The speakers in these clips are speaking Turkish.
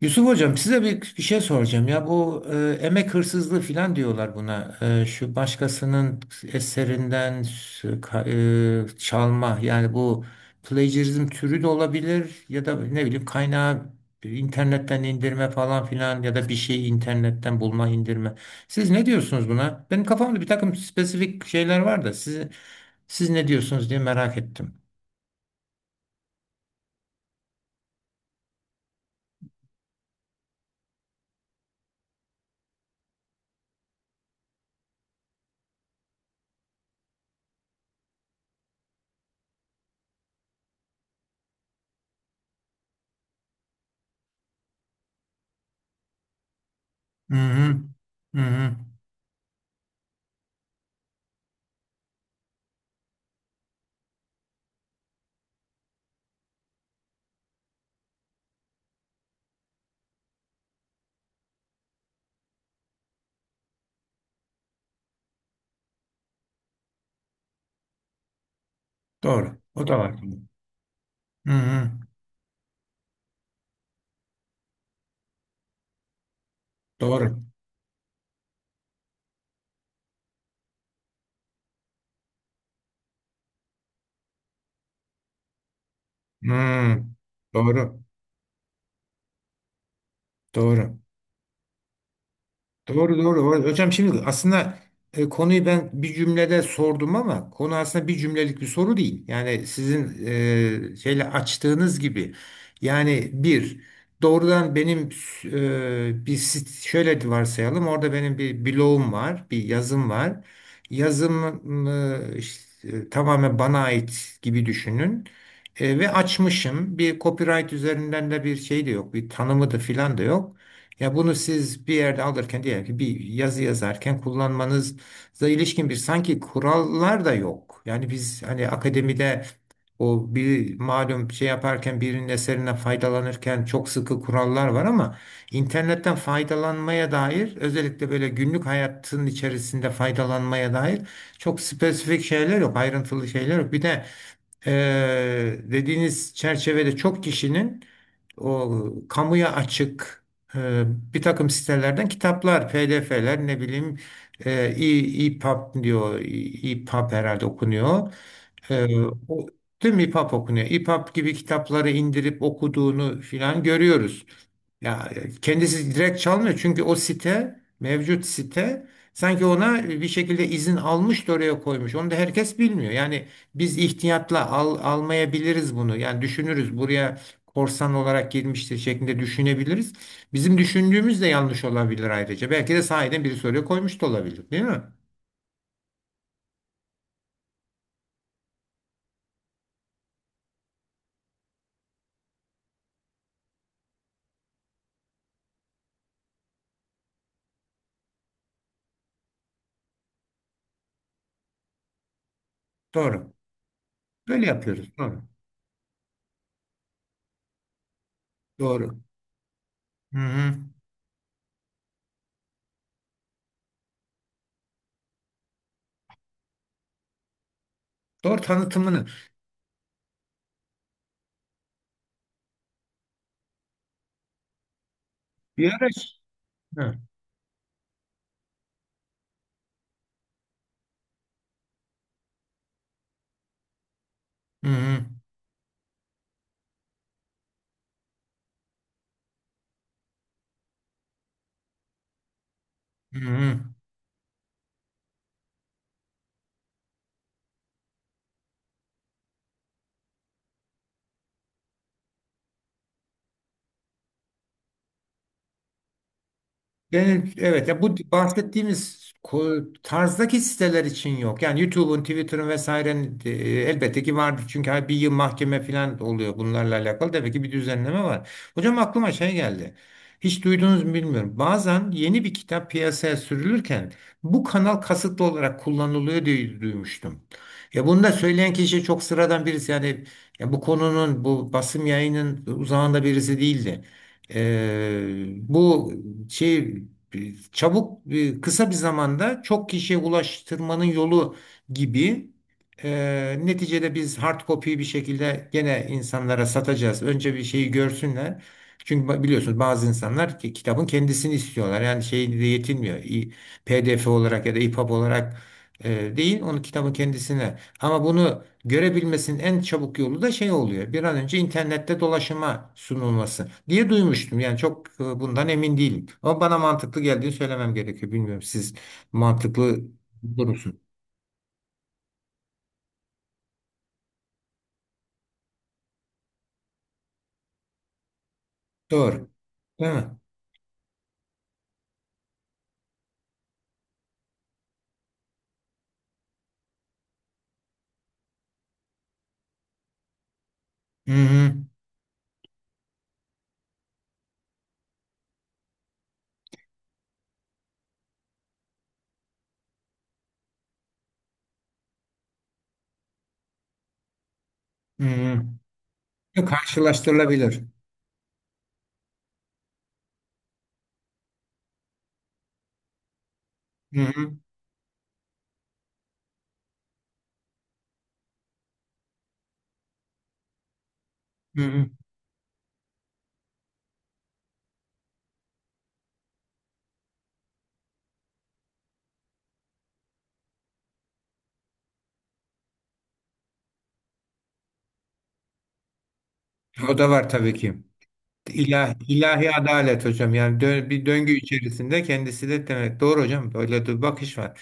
Yusuf Hocam size bir şey soracağım ya bu emek hırsızlığı filan diyorlar buna. Şu başkasının eserinden çalma yani bu plagiarizm türü de olabilir ya da ne bileyim kaynağı internetten indirme falan filan ya da bir şeyi internetten bulma indirme. Siz ne diyorsunuz buna? Benim kafamda bir takım spesifik şeyler var da siz ne diyorsunuz diye merak ettim. Hı hı. Hı hı. Doğru. O da var. Hı hı. Doğru. Hmm, doğru. Doğru. Doğru doğru. Hocam şimdi aslında konuyu ben bir cümlede sordum ama konu aslında bir cümlelik bir soru değil. Yani sizin şeyle açtığınız gibi. Yani bir doğrudan benim şöyle de varsayalım, orada benim bir bloğum var, bir yazım var. Yazım işte, tamamen bana ait gibi düşünün. Ve açmışım. Bir copyright üzerinden de bir şey de yok. Bir tanımı da filan da yok. Ya bunu siz bir yerde alırken, diyelim ki bir yazı yazarken kullanmanıza ilişkin bir sanki kurallar da yok. Yani biz hani akademide o bir malum şey yaparken, birinin eserinden faydalanırken çok sıkı kurallar var ama internetten faydalanmaya dair, özellikle böyle günlük hayatın içerisinde faydalanmaya dair çok spesifik şeyler yok, ayrıntılı şeyler yok. Bir de dediğiniz çerçevede çok kişinin o kamuya açık e, bir takım sitelerden kitaplar, PDF'ler ne bileyim, EPUB diyor. EPUB herhalde okunuyor. E, o, değil mi, EPUB okunuyor? EPUB gibi kitapları indirip okuduğunu filan görüyoruz. Ya kendisi direkt çalmıyor çünkü o site, mevcut site sanki ona bir şekilde izin almış da oraya koymuş. Onu da herkes bilmiyor. Yani biz ihtiyatla almayabiliriz bunu. Yani düşünürüz, buraya korsan olarak girmiştir şeklinde düşünebiliriz. Bizim düşündüğümüz de yanlış olabilir ayrıca. Belki de sahiden biri soruyor koymuş da olabilir, değil mi? Doğru. Böyle yapıyoruz. Doğru. Doğru. Hı hı. Doğru, tanıtımını. Bir ara. Hı hı. Hı hı. Genel, evet, ya bu bahsettiğimiz tarzdaki siteler için yok. Yani YouTube'un, Twitter'ın vesairenin elbette ki vardır. Çünkü her bir yıl mahkeme falan oluyor bunlarla alakalı. Demek ki bir düzenleme var. Hocam aklıma şey geldi. Hiç duydunuz mu bilmiyorum. Bazen yeni bir kitap piyasaya sürülürken bu kanal kasıtlı olarak kullanılıyor diye duymuştum. Ya bunu da söyleyen kişi çok sıradan birisi. Yani ya bu konunun, bu basım yayının uzağında birisi değildi. Bu şey, kısa bir zamanda çok kişiye ulaştırmanın yolu gibi. Neticede biz hard copy'yi bir şekilde gene insanlara satacağız. Önce bir şeyi görsünler. Çünkü biliyorsunuz, bazı insanlar ki kitabın kendisini istiyorlar. Yani şeyle de yetinmiyor. PDF olarak ya da EPUB olarak değil, onu kitabın kendisine. Ama bunu görebilmesinin en çabuk yolu da şey oluyor. Bir an önce internette dolaşıma sunulması diye duymuştum. Yani çok bundan emin değilim. Ama bana mantıklı geldiğini söylemem gerekiyor. Bilmiyorum, siz mantıklı bulur musunuz? Doğru. Değil mi? Hı hı. Hı hı. Karşılaştırılabilir. Hı hı. Hı hı. O da var tabii ki. İlahi ilahi adalet hocam, yani bir döngü içerisinde kendisi de demek. Doğru hocam, böyle bir bakış var.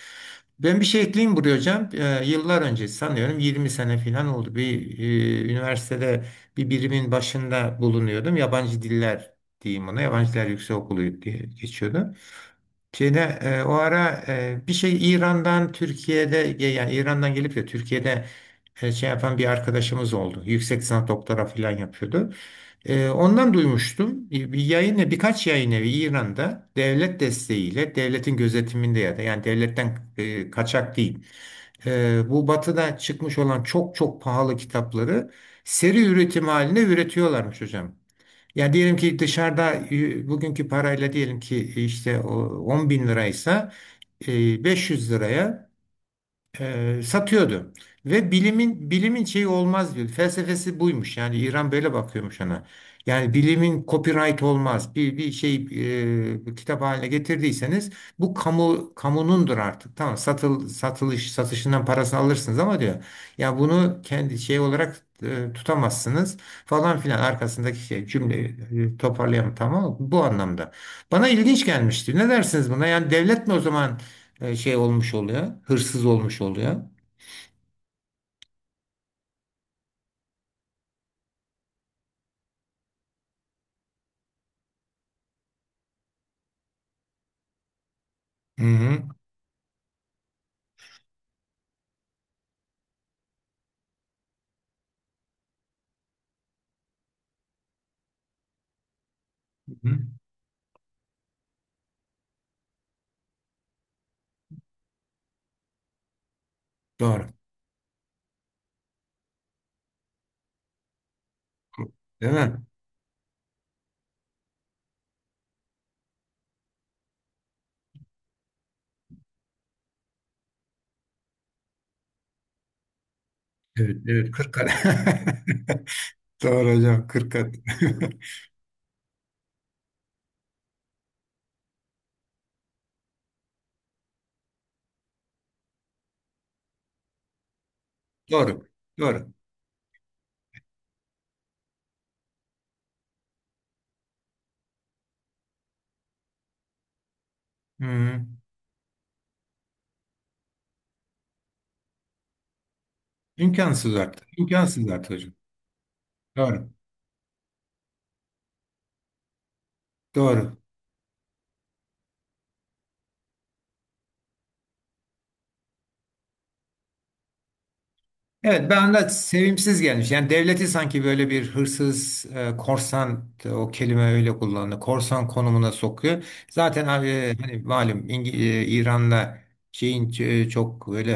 Ben bir şey ekleyeyim buraya hocam. Yıllar önce, sanıyorum 20 sene falan oldu. Bir üniversitede bir birimin başında bulunuyordum. Yabancı diller diyeyim ona. Yabancı Diller Yüksekokulu diye geçiyordu. Şeyde o ara bir şey, İran'dan Türkiye'de, yani İran'dan gelip de Türkiye'de şey yapan bir arkadaşımız oldu. Yüksek lisans doktora falan yapıyordu. Ondan duymuştum. Birkaç yayın evi İran'da devlet desteğiyle, devletin gözetiminde, ya da yani devletten kaçak değil. Bu batıda çıkmış olan çok çok pahalı kitapları seri üretim haline üretiyorlarmış hocam. Yani diyelim ki dışarıda, bugünkü parayla diyelim ki, işte o 10 bin liraysa 500 liraya satıyordu. Ve bilimin şeyi olmaz diyor. Felsefesi buymuş. Yani İran böyle bakıyormuş ona. Yani bilimin copyright olmaz. Bir şey bir kitap haline getirdiyseniz bu kamunundur artık. Tamam, satıl satılış satışından parasını alırsınız ama diyor. Ya bunu kendi şey olarak tutamazsınız falan filan, arkasındaki şey cümleyi toparlayamam, tamam mı? Bu anlamda. Bana ilginç gelmişti. Ne dersiniz buna? Yani devlet mi o zaman şey olmuş oluyor, hırsız olmuş oluyor. Hı hı. Hı hı. Doğru. Değil mi? Evet, evet. Kırk kat. Doğru hocam. Kırk kat. Doğru. Doğru. Hı hı. İmkansız artık. İmkansız artık hocam. Doğru. Doğru. Evet, ben de sevimsiz gelmiş. Yani devleti sanki böyle bir hırsız, korsan, o kelime öyle kullanıldı, korsan konumuna sokuyor. Zaten abi, İran'la şeyin çok böyle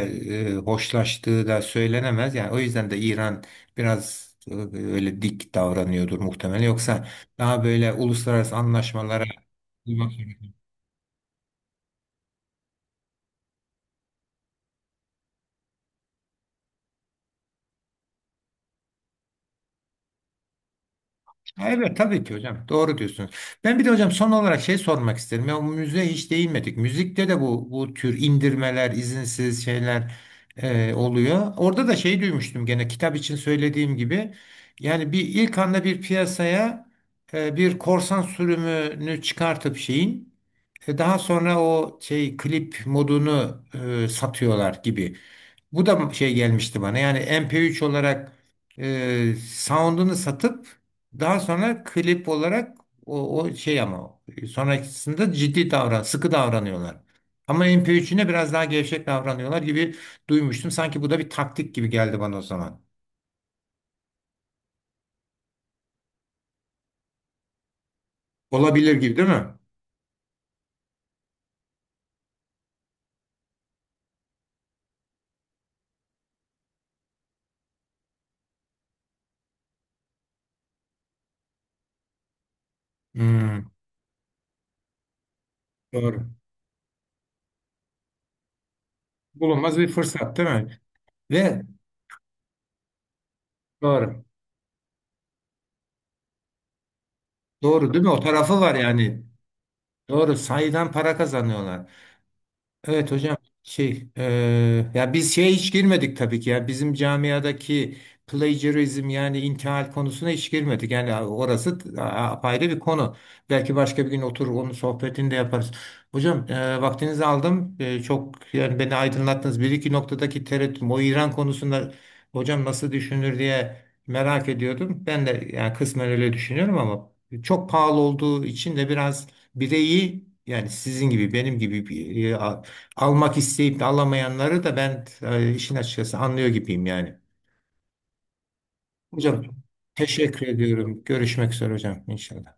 hoşlaştığı da söylenemez. Yani o yüzden de İran biraz öyle dik davranıyordur muhtemelen. Yoksa daha böyle uluslararası anlaşmalara uymak. Ha, evet, tabii ki hocam. Doğru diyorsunuz. Ben bir de hocam son olarak şey sormak isterim. Ya, bu müziğe hiç değinmedik. Müzikte de bu tür indirmeler, izinsiz şeyler oluyor. Orada da şey duymuştum, gene kitap için söylediğim gibi. Yani bir ilk anda bir piyasaya bir korsan sürümünü çıkartıp şeyin daha sonra o şey klip modunu satıyorlar gibi. Bu da şey gelmişti bana. Yani MP3 olarak sound'unu satıp daha sonra klip olarak o şey ama sonrakisinde ciddi sıkı davranıyorlar. Ama MP3'üne biraz daha gevşek davranıyorlar gibi duymuştum. Sanki bu da bir taktik gibi geldi bana o zaman. Olabilir gibi değil mi? Hmm, doğru. Bulunmaz bir fırsat değil mi? Ve doğru. Doğru değil mi? O tarafı var yani. Doğru. Sayıdan para kazanıyorlar. Evet hocam, şey, ya biz şeye hiç girmedik tabii ki, ya bizim camiadaki plagiarizm, yani intihal konusuna hiç girmedik, yani orası apayrı bir konu. Belki başka bir gün oturur onun sohbetini de yaparız hocam. Vaktinizi aldım. Çok, yani beni aydınlattınız. Bir iki noktadaki tereddütüm o İran konusunda hocam nasıl düşünür diye merak ediyordum. Ben de yani kısmen öyle düşünüyorum ama çok pahalı olduğu için de biraz bireyi, yani sizin gibi benim gibi almak isteyip de alamayanları da ben işin açıkçası anlıyor gibiyim yani. Hocam teşekkür ediyorum. Görüşmek üzere hocam, inşallah.